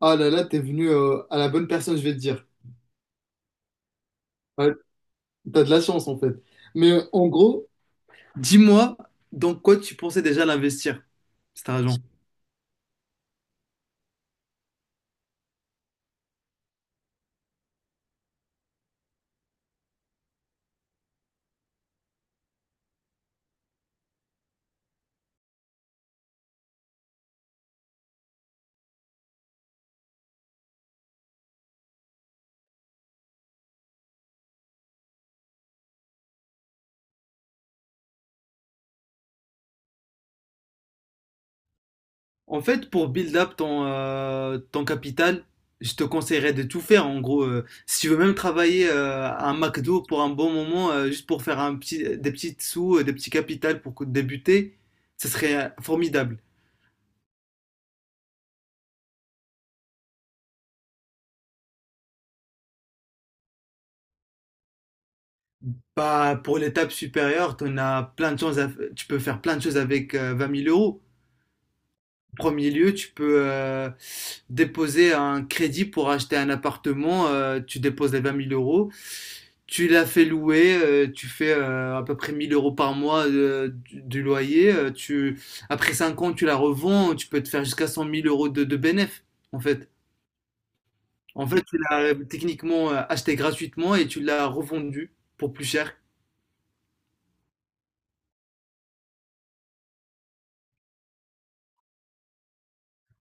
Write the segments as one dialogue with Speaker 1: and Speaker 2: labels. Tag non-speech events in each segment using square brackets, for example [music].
Speaker 1: Ah là là, t'es venu à la bonne personne, je vais te dire. Ouais, t'as de la chance en fait. Mais en gros, dis-moi dans quoi tu pensais déjà l'investir, cet argent. En fait, pour build up ton capital, je te conseillerais de tout faire. En gros, si tu veux même travailler à un McDo pour un bon moment, juste pour faire des petits sous, des petits capitals pour débuter, ce serait formidable. Bah, pour l'étape supérieure, t'en as plein de choses, tu peux faire plein de choses avec 20 000 euros. Premier lieu, tu peux déposer un crédit pour acheter un appartement. Tu déposes les 20 000 euros. Tu l'as fait louer, tu fais à peu près 1000 euros par mois du loyer. Après 5 ans, tu la revends, tu peux te faire jusqu'à 100 000 euros de bénéf, en fait. En fait, tu l'as techniquement acheté gratuitement et tu l'as revendu pour plus cher.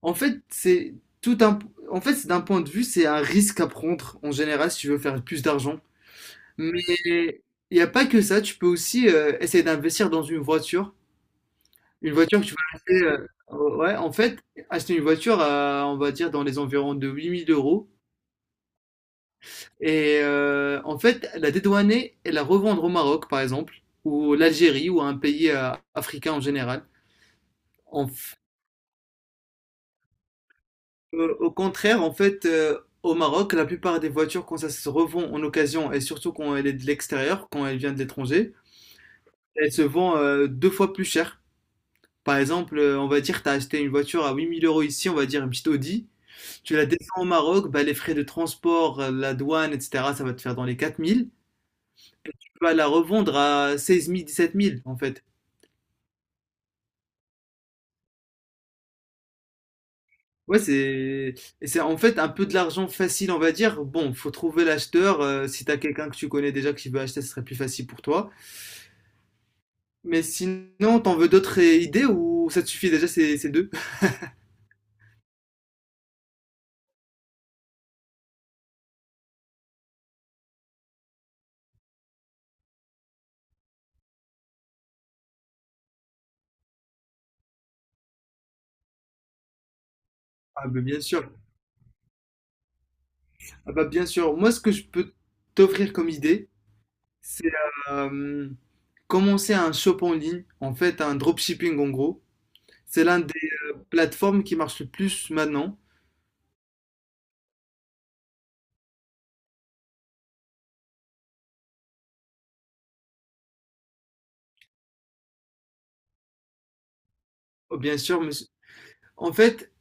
Speaker 1: En fait, c'est tout un, en fait, c'est d'un point de vue, c'est un risque à prendre en général si tu veux faire plus d'argent. Mais il n'y a pas que ça, tu peux aussi essayer d'investir dans une voiture. Une voiture que tu vas acheter. Ouais, en fait, acheter une voiture, on va dire, dans les environs de 8000 euros. Et en fait, la dédouaner et la revendre au Maroc, par exemple, ou l'Algérie, ou à un pays africain en général. En f- au contraire, en fait, au Maroc, la plupart des voitures, quand ça se revend en occasion, et surtout quand elle est de l'extérieur, quand elle vient de l'étranger, elle se vend deux fois plus cher. Par exemple, on va dire, tu as acheté une voiture à 8000 euros ici, on va dire une petite Audi, tu la descends au Maroc, bah, les frais de transport, la douane, etc., ça va te faire dans les 4000. Tu vas la revendre à 16 000, 17 000, en fait. Ouais, c'est en fait un peu de l'argent facile, on va dire. Bon, faut trouver l'acheteur. Si t'as quelqu'un que tu connais déjà qui veut acheter, ce serait plus facile pour toi. Mais sinon, t'en veux d'autres idées ou ça te suffit déjà ces deux? [laughs] Ah, bah, bien sûr. Ah, bah, bien sûr. Moi, ce que je peux t'offrir comme idée, c'est euh, Commencer un shop en ligne, en fait un dropshipping en gros, c'est l'un des plateformes qui marche le plus maintenant. Oh, bien sûr, mais en fait,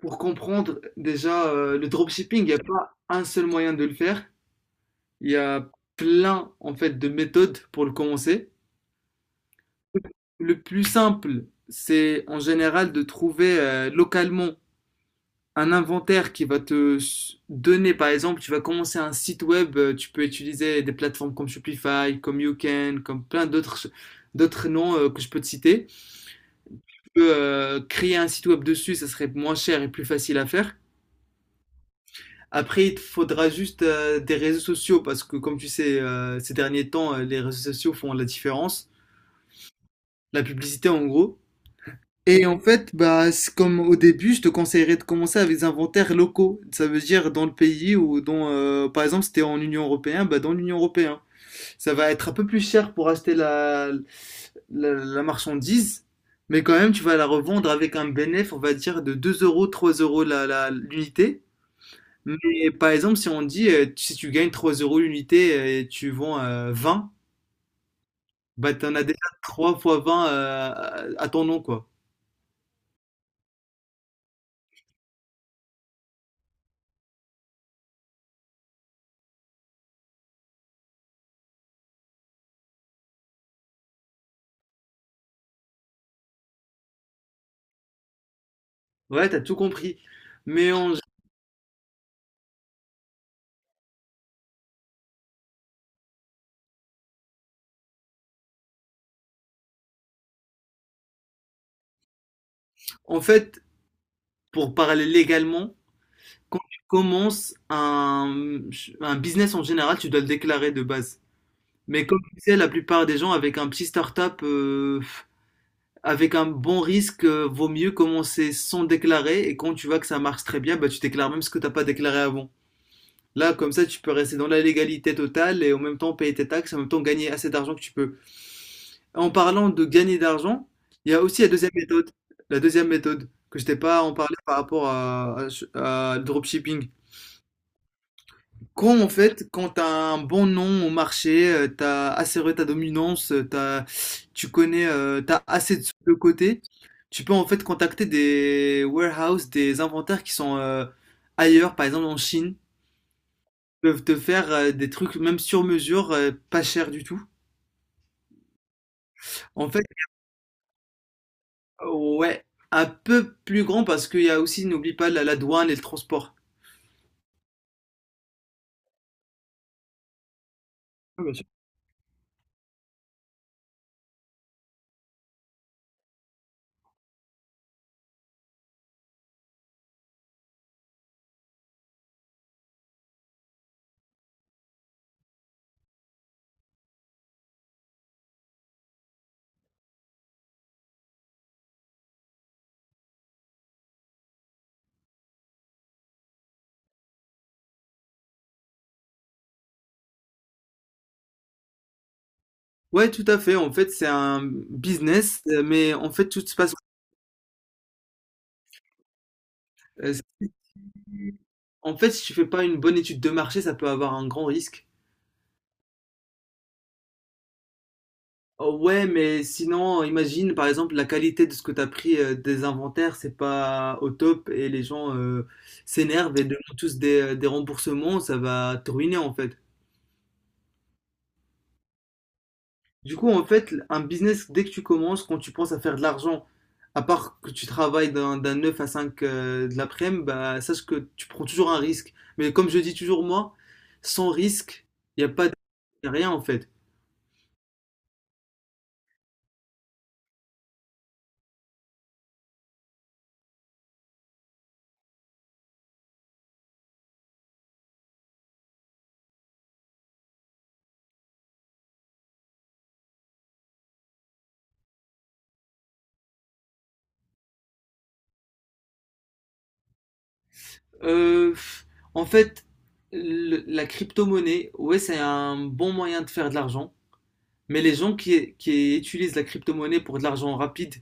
Speaker 1: pour comprendre déjà le dropshipping, il n'y a pas un seul moyen de le faire. Il y a plein en fait de méthodes pour le commencer. Le plus simple, c'est en général de trouver localement un inventaire qui va te donner, par exemple, tu vas commencer un site web, tu peux utiliser des plateformes comme Shopify, comme YouCan, comme plein d'autres noms que je peux te citer. Tu peux créer un site web dessus, ça serait moins cher et plus facile à faire. Après, il te faudra juste des réseaux sociaux parce que, comme tu sais, ces derniers temps, les réseaux sociaux font la différence. La publicité, en gros. Et en fait, bah, c'est comme au début, je te conseillerais de commencer avec des inventaires locaux. Ça veut dire dans le pays ou dans, par exemple, si t'es en Union européenne, bah, dans l'Union européenne. Ça va être un peu plus cher pour acheter la marchandise, mais quand même, tu vas la revendre avec un bénéfice, on va dire, de 2 euros, 3 euros l'unité. Mais par exemple, si on dit, si tu gagnes 3 euros l'unité et tu vends 20, bah, t'en as déjà 3 fois 20 à ton nom, quoi. Ouais, t'as tout compris. Mais en En fait, pour parler légalement, quand tu commences un business en général, tu dois le déclarer de base. Mais comme tu sais, la plupart des gens avec un petit start-up, avec un bon risque, vaut mieux commencer sans déclarer. Et quand tu vois que ça marche très bien, bah, tu déclares même ce que tu n'as pas déclaré avant. Là, comme ça, tu peux rester dans la légalité totale et en même temps payer tes taxes, en même temps gagner assez d'argent que tu peux. En parlant de gagner d'argent, il y a aussi la deuxième méthode, que je t'ai pas en parlé par rapport à le dropshipping. Quand tu as un bon nom au marché, t'as assuré ta dominance, t'as assez de sous de côté, tu peux en fait contacter des warehouses, des inventaires qui sont ailleurs, par exemple en Chine, peuvent te faire des trucs même sur mesure, pas cher du tout. En fait, ouais, un peu plus grand parce qu'il y a aussi, n'oublie pas, la douane et le transport. Ah, bien sûr. Ouais, tout à fait. En fait, c'est un business, mais en fait, tout se passe. euh, En fait, si tu fais pas une bonne étude de marché, ça peut avoir un grand risque. Oh, ouais, mais sinon, imagine, par exemple, la qualité de ce que tu as pris des inventaires, c'est pas au top et les gens s'énervent et demandent tous des remboursements, ça va te ruiner en fait. Du coup, en fait, un business, dès que tu commences, quand tu penses à faire de l'argent, à part que tu travailles d'un 9 à 5 de l'après-midi, bah, sache que tu prends toujours un risque. Mais comme je dis toujours moi, sans risque, il n'y a pas de y a rien en fait. Euh, En fait, la crypto-monnaie, ouais, c'est un bon moyen de faire de l'argent. Mais les gens qui utilisent la crypto-monnaie pour de l'argent rapide,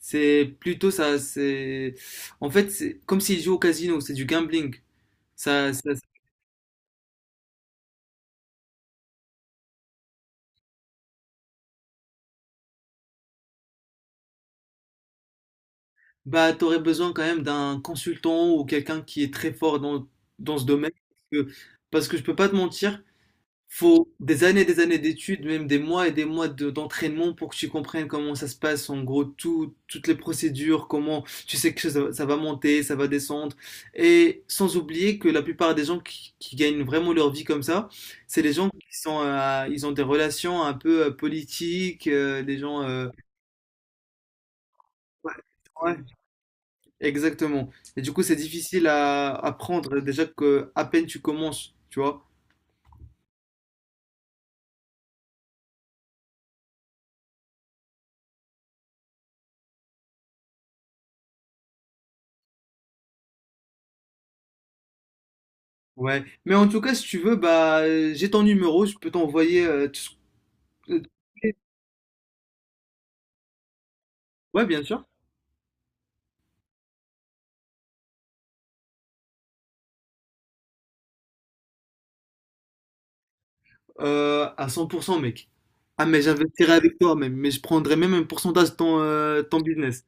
Speaker 1: c'est plutôt ça. En fait, c'est comme s'ils jouent au casino, c'est du gambling. Ça, ça, Bah, tu aurais besoin quand même d'un consultant ou quelqu'un qui est très fort dans, dans ce domaine. Parce que, parce que je peux pas te mentir, faut des années et des années d'études, même des mois et des mois d'entraînement pour que tu comprennes comment ça se passe, en gros, toutes les procédures, comment tu sais que ça va monter, ça va descendre. Et sans oublier que la plupart des gens qui gagnent vraiment leur vie comme ça, c'est les gens ils ont des relations un peu politiques. Ouais, ouais. Exactement. Et du coup, c'est difficile à prendre déjà que à peine tu commences, tu vois. Ouais. Mais en tout cas, si tu veux, bah, j'ai ton numéro, je peux t'envoyer. Euh, ouais, bien sûr. À 100%, mec. Ah, mais j'investirai avec toi, même. Mais je prendrai même un pourcentage de ton business.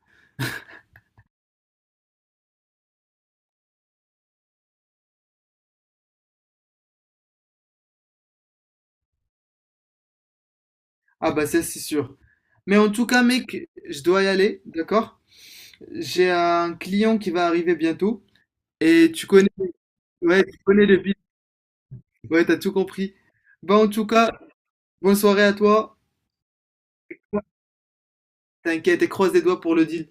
Speaker 1: Ah, bah, ça, c'est sûr. Mais en tout cas, mec, je dois y aller, d'accord? J'ai un client qui va arriver bientôt. Et tu connais, ouais, tu connais le but. Ouais, t'as tout compris. Bah, en tout cas, bonne soirée à toi. T'inquiète et croise les doigts pour le deal.